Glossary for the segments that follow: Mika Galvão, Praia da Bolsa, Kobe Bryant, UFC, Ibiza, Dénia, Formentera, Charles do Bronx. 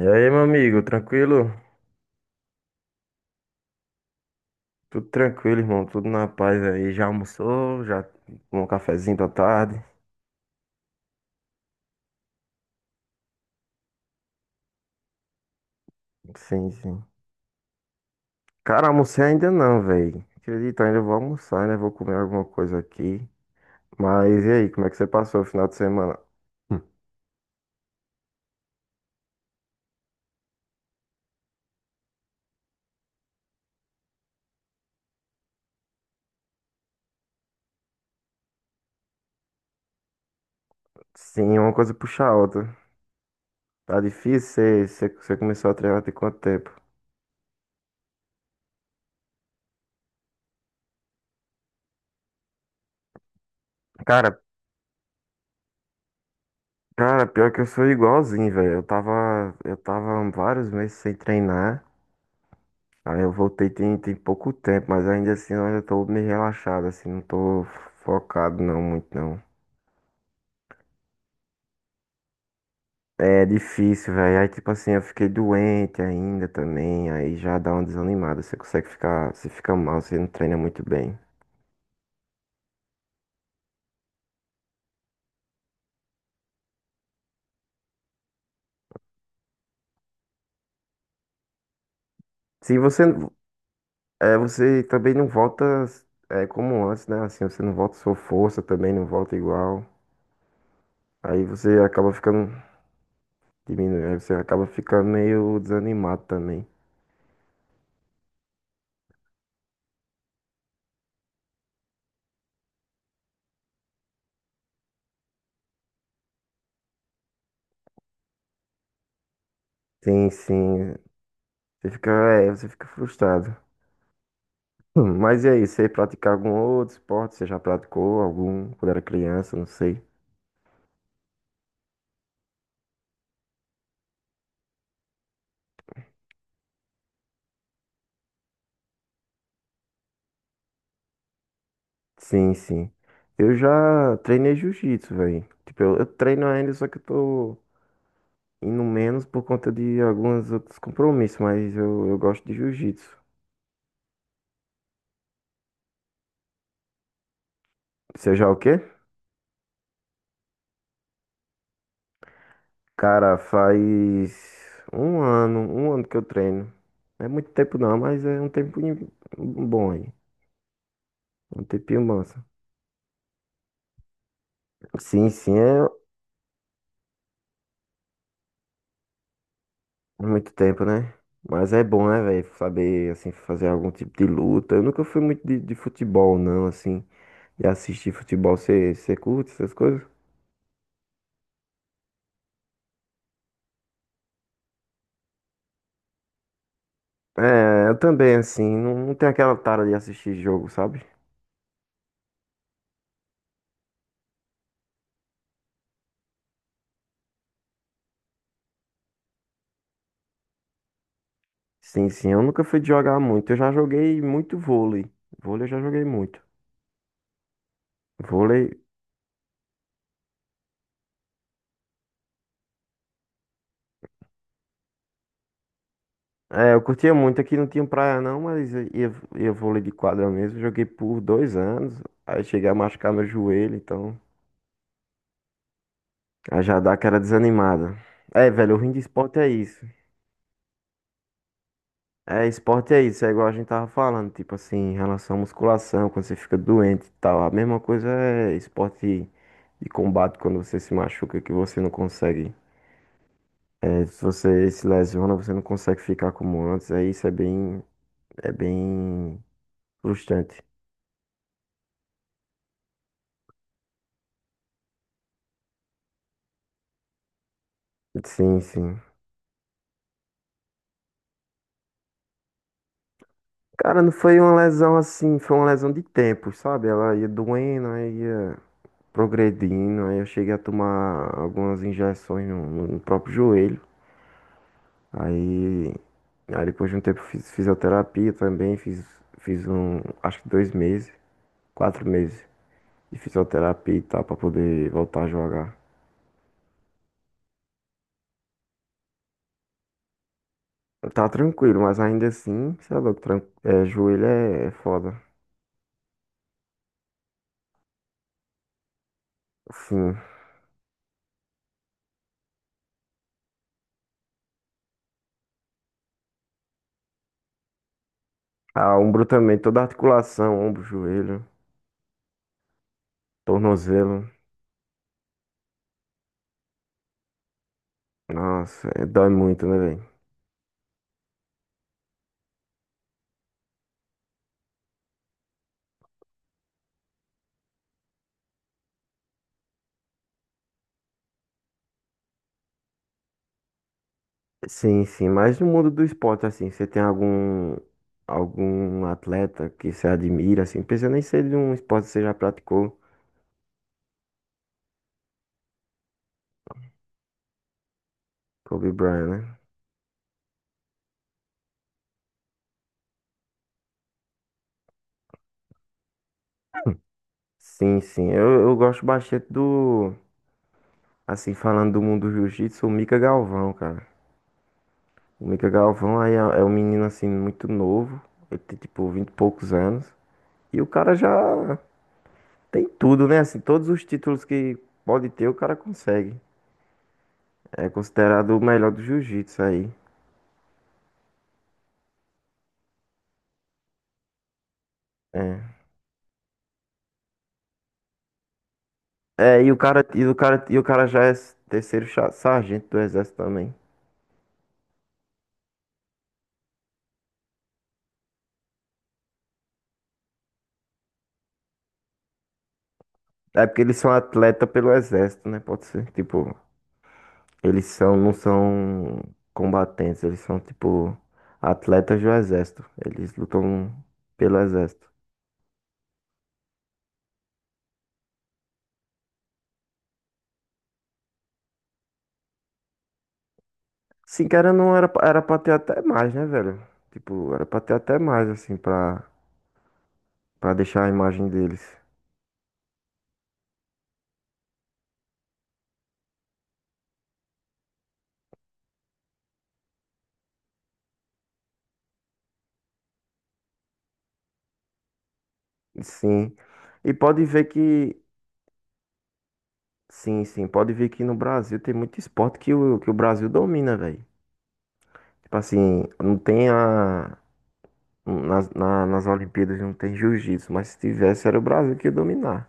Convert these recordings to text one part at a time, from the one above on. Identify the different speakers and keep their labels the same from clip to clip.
Speaker 1: E aí, meu amigo, tranquilo? Tudo tranquilo, irmão, tudo na paz aí. Já almoçou? Já tomou um cafezinho da tarde? Sim, sim. Cara, almocei ainda não, velho. Acredito, ainda vou almoçar, né? Vou comer alguma coisa aqui. Mas e aí, como é que você passou o final de semana? Hum. Sim, uma coisa puxa a outra. Tá difícil, você começou a treinar tem quanto tempo? Cara, cara, pior que eu sou igualzinho, velho. Eu tava vários meses sem treinar. Aí eu voltei tem pouco tempo, mas ainda assim eu ainda tô meio relaxado, assim, não tô focado não, muito não. É difícil, velho. Aí tipo assim, eu fiquei doente ainda também, aí já dá uma desanimada. Você consegue ficar, você fica mal, você não treina muito bem. Se você, é, você também não volta é, como antes, né? Assim, você não volta sua força também, não volta igual. Aí você acaba ficando diminuindo, aí você acaba ficando meio desanimado também. Sim, sim. Você fica, é, você fica frustrado. Mas e aí, você pratica algum outro esporte? Você já praticou algum quando era criança? Não sei. Sim, sim. Eu já treinei jiu-jitsu, velho. Tipo, eu treino ainda, só que eu tô indo menos por conta de alguns outros compromissos, mas eu gosto de jiu-jitsu. Você já o quê? Cara, faz um ano que eu treino. Não é muito tempo não, mas é um tempinho bom aí. Um tempinho massa. Sim, sim, é, muito tempo, né? Mas é bom, né, velho? Saber, assim, fazer algum tipo de luta. Eu nunca fui muito de futebol, não, assim. E assistir futebol, você curte essas coisas? É, eu também, assim, não tenho aquela tara de assistir jogo, sabe? Sim, sim, eu nunca fui de jogar muito. Eu já joguei muito vôlei. Vôlei eu já joguei muito. Vôlei. É, eu curtia muito. Aqui não tinha praia, não, mas ia vôlei de quadra mesmo. Joguei por dois anos. Aí cheguei a machucar meu joelho, então. Aí já dá aquela desanimada. É, velho, o ruim de esporte é isso. É, esporte é isso, é igual a gente tava falando, tipo assim, em relação à musculação, quando você fica doente e tal. A mesma coisa é esporte de combate, quando você se machuca, que você não consegue. É, se você se lesiona, você não consegue ficar como antes. Aí isso é é bem frustrante. Sim, sim. Cara, não foi uma lesão assim, foi uma lesão de tempo, sabe? Ela ia doendo, aí ia progredindo. Aí eu cheguei a tomar algumas injeções próprio joelho. Aí, aí depois de um tempo fiz fisioterapia também, fiz um, acho que dois meses, quatro meses de fisioterapia e tal, pra poder voltar a jogar. Tá tranquilo, mas ainda assim, sei lá, é, joelho é, é foda. Sim. Ah, ombro também, toda articulação, ombro, joelho, tornozelo. Nossa, é, dói muito, né, velho? Sim, sim, mas no mundo do esporte, assim, você tem algum atleta que você admira, assim, pensando em ser de um esporte que você já praticou. Kobe Bryant, né? Sim, sim, eu gosto bastante do, assim, falando do mundo do jiu-jitsu, o Mika Galvão, cara. O Mika Galvão aí é um menino, assim, muito novo, ele tem, tipo, vinte e poucos anos, e o cara já tem tudo, né? Assim, todos os títulos que pode ter, o cara consegue. É considerado o melhor do jiu-jitsu aí. É. É, e o cara já é sargento do exército também. É porque eles são atleta pelo exército, né? Pode ser. Tipo, eles são, não são combatentes, eles são, tipo, atletas do exército. Eles lutam pelo exército. Sim, cara, não era, pra- era pra ter até mais, né, velho? Tipo, era pra ter até mais, assim, pra deixar a imagem deles. Sim. E pode ver que. Sim, sim, pode ver que no Brasil tem muito esporte que o Brasil domina, velho. Tipo assim, não tem a. Nas Olimpíadas não tem jiu-jitsu, mas se tivesse era o Brasil que ia dominar.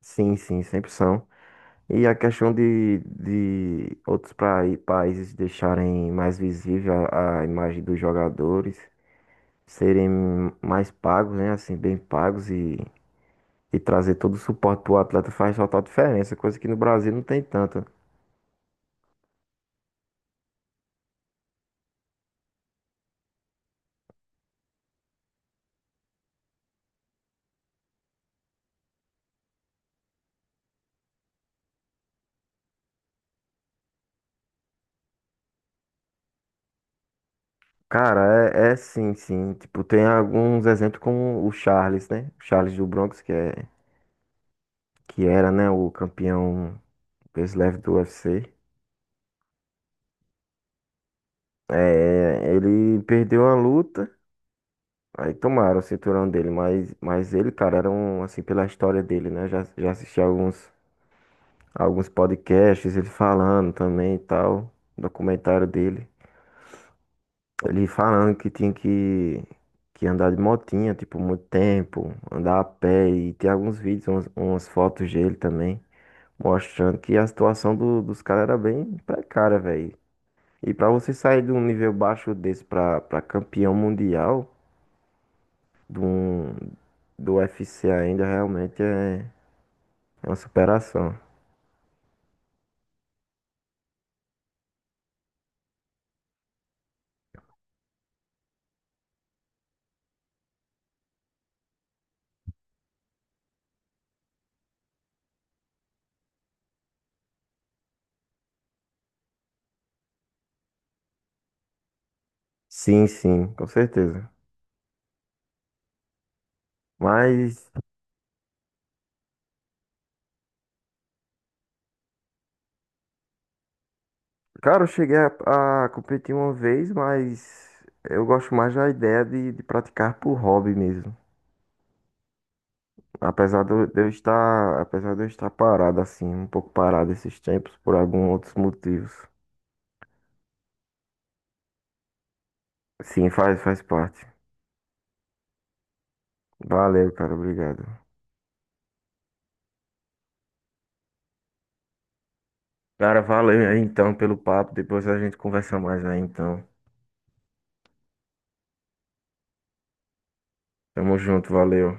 Speaker 1: Sim, sim, sempre são. E a questão de outros países deixarem mais visível a imagem dos jogadores, serem mais pagos, né? Assim, bem pagos, e trazer todo o suporte pro atleta faz total diferença, coisa que no Brasil não tem tanto. Cara, é, é sim, sim. Tipo, tem alguns exemplos como o Charles, né? O Charles do Bronx, que é. Que era, né, o campeão peso leve do UFC. É, ele perdeu a luta, aí tomaram o cinturão dele, mas ele, cara, era um, assim, pela história dele, né? Já assisti alguns, alguns podcasts, ele falando também e tal, documentário dele. Ele falando que andar de motinha, tipo, muito tempo, andar a pé, e tem alguns vídeos, umas, umas fotos dele também, mostrando que a situação dos caras era bem precária, velho. E para você sair de um nível baixo desse para para campeão mundial do, do UFC ainda realmente é uma superação. Sim, sim, com certeza. Mas, cara, eu cheguei a competir uma vez, mas eu gosto mais da ideia de praticar por hobby mesmo. Apesar de eu estar, apesar de eu estar parado assim, um pouco parado esses tempos por alguns outros motivos. Sim, faz parte. Valeu, cara, obrigado. Cara, valeu aí então pelo papo. Depois a gente conversa mais aí então. Tamo junto, valeu.